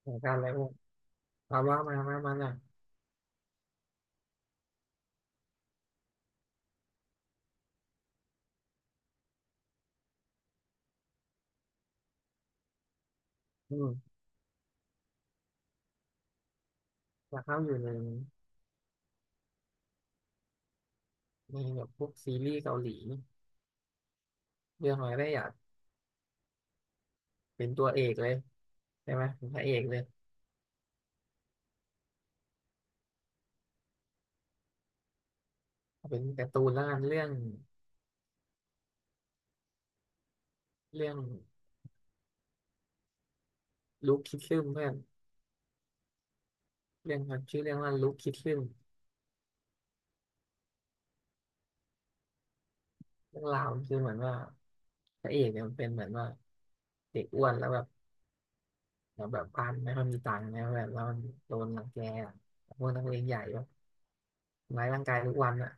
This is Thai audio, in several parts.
เหมือนกันเลยอ้วนเอาว่ามาหน่อยอืมอยากเข้าอยู่ในแบบพวกซีรีส์เกาหลีเรื่องอะไรได้อยากเป็นตัวเอกเลยใช่ไหมเป็นพระเอกเลยเอาเป็นการ์ตูนแล้วกันเรื่องลูคคิดซึมเพื่อนเรื่องมันชื่อเรื่องว่าลูคคิดซึมเรื่องราวมันคือเหมือนว่าพระเอกเนี่ยมันเป็นเหมือนว่าเด็กอ้วนแล้วแบบแล้วแบบบ้านไม่ค่อยมีตังค์นะแบบแล้วมันโดนรังแกอะพวกนักเลงใหญ่แบบทำร้ายร่างกายทุกวันอะ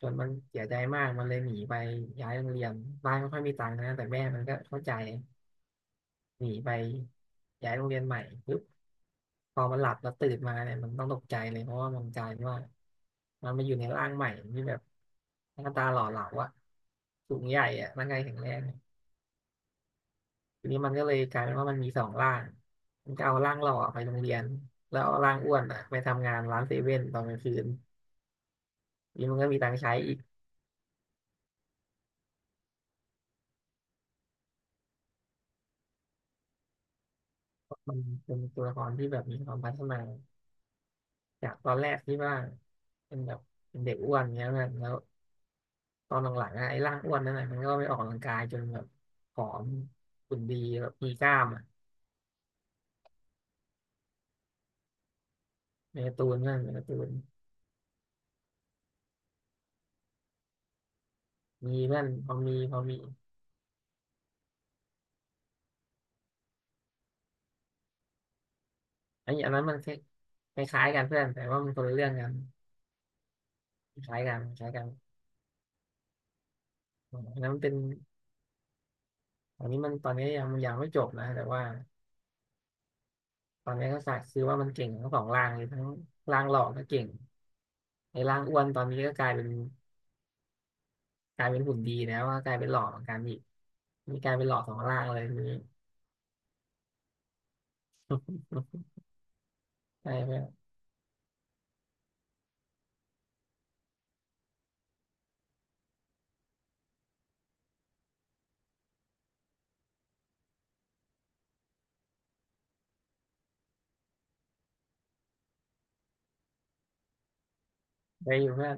จนมันเสียใจมากมันเลยหนีไปย้ายโรงเรียนบ้านไม่ค่อยมีตังค์นะแต่แม่มันก็เข้าใจหนีไปย้ายโรงเรียนใหม่ปุ๊บพอมันหลับแล้วตื่นมาเนี่ยมันต้องตกใจเลยเพราะว่ามันกลายเป็นว่ามันมาอยู่ในร่างใหม่ที่แบบหน้าตาหล่อเหลาอะสูงใหญ่อะร่างกายแข็งแรงทีนี้มันก็เลยกลายเป็นว่ามันมีสองร่างมันก็เอาร่างหล่อไปโรงเรียนแล้วเอาร่างอ้วนอะไปทำงานร้านเซเว่นตอนกลางคืนทีนี้มันก็มีตังค์ใช้อีกเพราะมันเป็นตัวละครที่แบบมีความพัฒนา จากตอนแรกที่ว่าเป็นแบบเป็นเด็กอ้วนเงี้ยแบแล้วตอนหลังๆอะไอ้ร่างอ้วนนั่นแหละมันก็ไม่ออกกำลังกายจนแบบผอมหุ่นดีแบบมีกล้ามอ่ะในการ์ตูนเพื่อนในการ์ตูนมีเพื่อนพอมีไอ้อันนั้นมันคล้ายๆกันเพื่อนแต่ว่ามันคนละเรื่องกันคล้ายกันอมอันนั้นมันเป็นอันนี้มันตอนนี้ยังไม่จบนะแต่ว่าตอนนี้ก็สักคือว่ามันเก่งทั้งสองร่างเลยทั้งร่างหล่อก็เก่งไอ้ร่างอ้วนตอนนี้ก็กลายเป็น กลายเป็นหุ่นดีนะว่ากลายเป็นหล่อเหมือนกันอีกมีกลายเป็นหล่อสองล่างเลยทีนี้ไปเพื่อนไปอยู่เพื่อน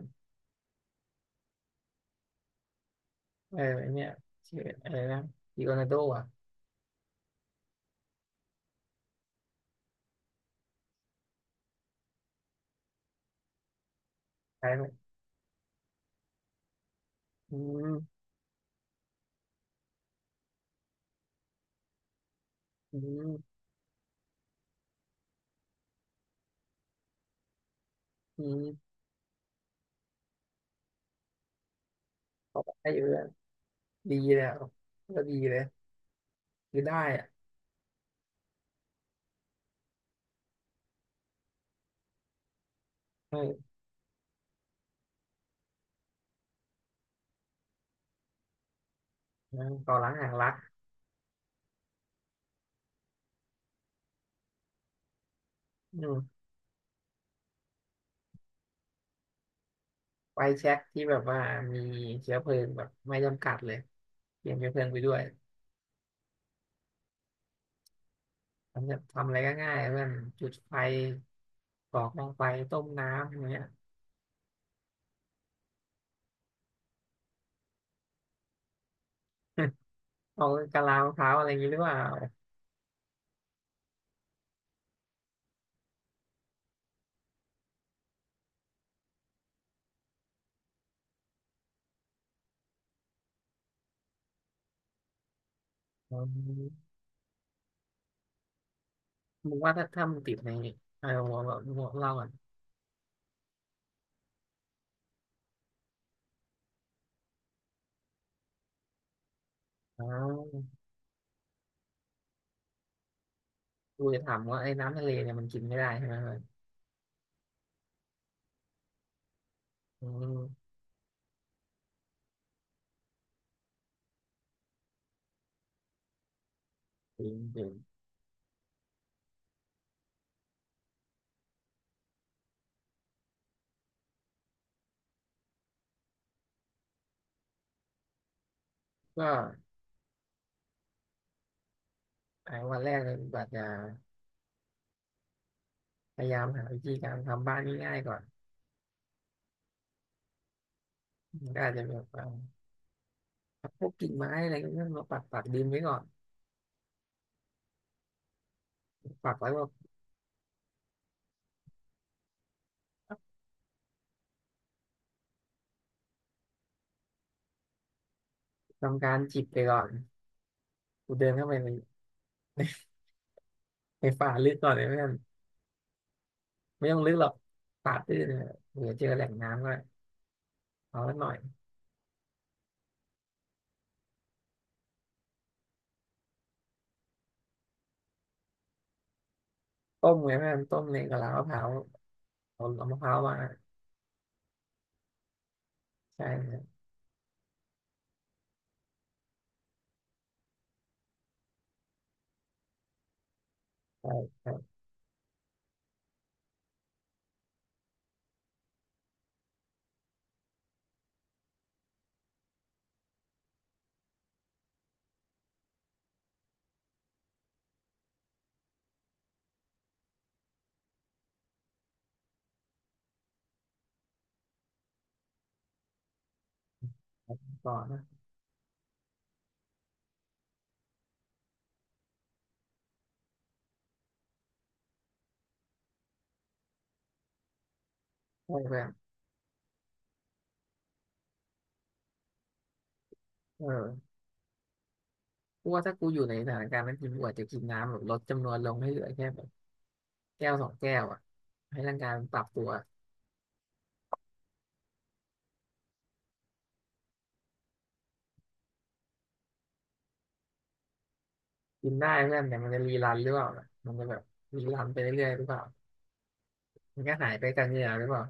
เออไอเนี่ยชื่ออะไรนะดิโอนาโดอ่ะกลายเปนอืมอืมอืมเขาไปอยู่เพื่อนดีเลยอะก็ดีเลยคือได้อ่ะเออต่อรังห่างรักอืมไฟแช็คที่แบบว่ามีเชื้อเพลิงแบบไม่จำกัดเลยเตรียมเชื้อเพลิงไปด้วยทำอะไรก็ง่ายเพื่อนจุดไฟกรอกกองไฟต้มน้ำอย่างเงี้ย เอากะลามะพร้าวอะไรอย่างนี้หรือเปล่าอืมมึงว่าถ้ามันติดในเออหัวแบบหัวเราอ่ะอ๋อกูจะถามว่าไอ้น้ำทะเลเนี่ยมันกินไม่ได้ใช่ไหมมันอืมจริงจริงก็ไอ้วันแรกเลยบัดจะพยายามหาวิธีการทำบ้านง่ายๆก่อนมันก็อาจจะแบบว่าพวกกิ่งไม้อะไรก็มาปักดินไว้ก่อนปักไว้ว่าทำการจิบไปก่อนกูเดินเข้าไปในฝ่าลึกก่อนเลยเพื่อนไม่ต้องลึกหรอกป่าตื้นเนี่ยเดี๋ยวเจอแหล่งน้ำก็เอาละหน่อย ต้มไงแม่ต้มในกะลามะพร้าวเอามะพร้าวมาใช่ครับใช่ใช่ครับก่อนนะใช่เพื่อนเออกูว่าถ้ากูอยู่ในสถานการณ์นั้นกูอาจจะกินน้ำแบบลดจำนวนลงให้เหลือแค่แบบแก้วสองแก้วอ่ะให้ร่างกายมันปรับตัวกินได้เพื่อนแต่มันจะรีรันหรือเปล่าล่ะมันจะแบบรีรันไปเรื่อยๆหรือเปล่ามันก็หายไปกันเนี่ยหรือเปล่า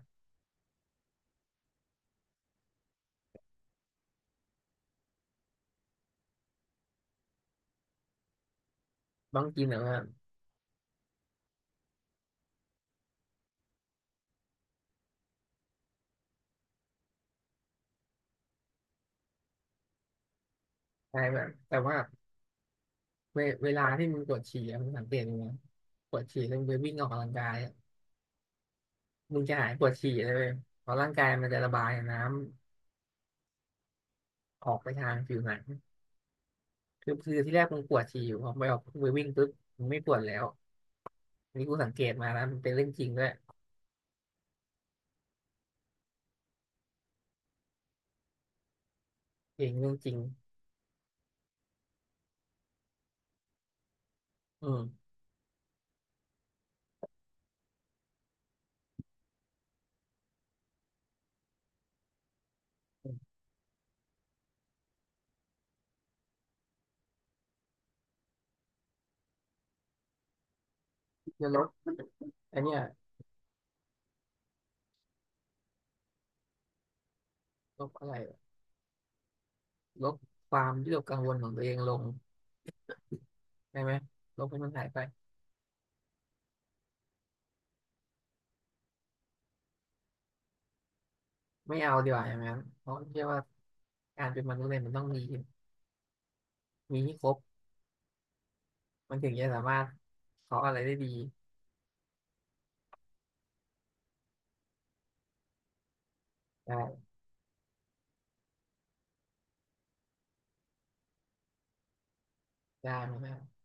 ต้องกินเหรอเพื่อนใช่แบบแต่ว่าเวลาที่มึงปวดฉี่อะมึงสังเกตดูนะปวดฉี่แล้วมึงไปวิ่งออกกำลังกายอะมึงจะหายปวดฉี่เลยเว้ยเพราะร่างกายมันจะระบายน้ำ ออกไปทางผิวหนังคือที่แรกมึงปวดฉี่อยู่พอไปออกไปวิ่งปุ๊บมึงไม่ปวดแล้วอันนี้กูสังเกตมานะมันเป็นเรื่องจริงด้วยเองเรื่องจริงอืมจะลดอนเนี้ยลบอะไรลบความวิตกกังวลของตัวเองลงได้ไหมลบให้มันหายไปไม่เอาดีกว่าอย่างนั้นเพราะเชื่อว่าการเป็นมนุษย์เนี่ยมันต้องมีมีให้ครบมันถึงจะสามารถขออะไรได้ดีได้ได้ไหมครับ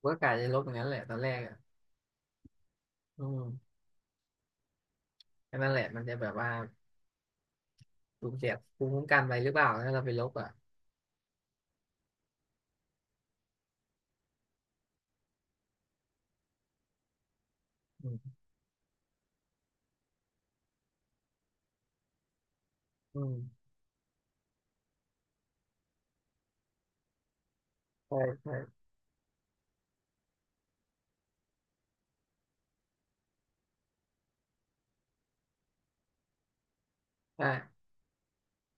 เวิร์กการจะลบอย่างนั้นแหละตอนแรกอ่ะอืมแค่นั้นแหละมันจะแบบว่าสูญเสียภูมิคุ้มกันไปหรือเปล่าถ้าเราไปลบอ่ะ อืมอืมใช่ใช่ใช่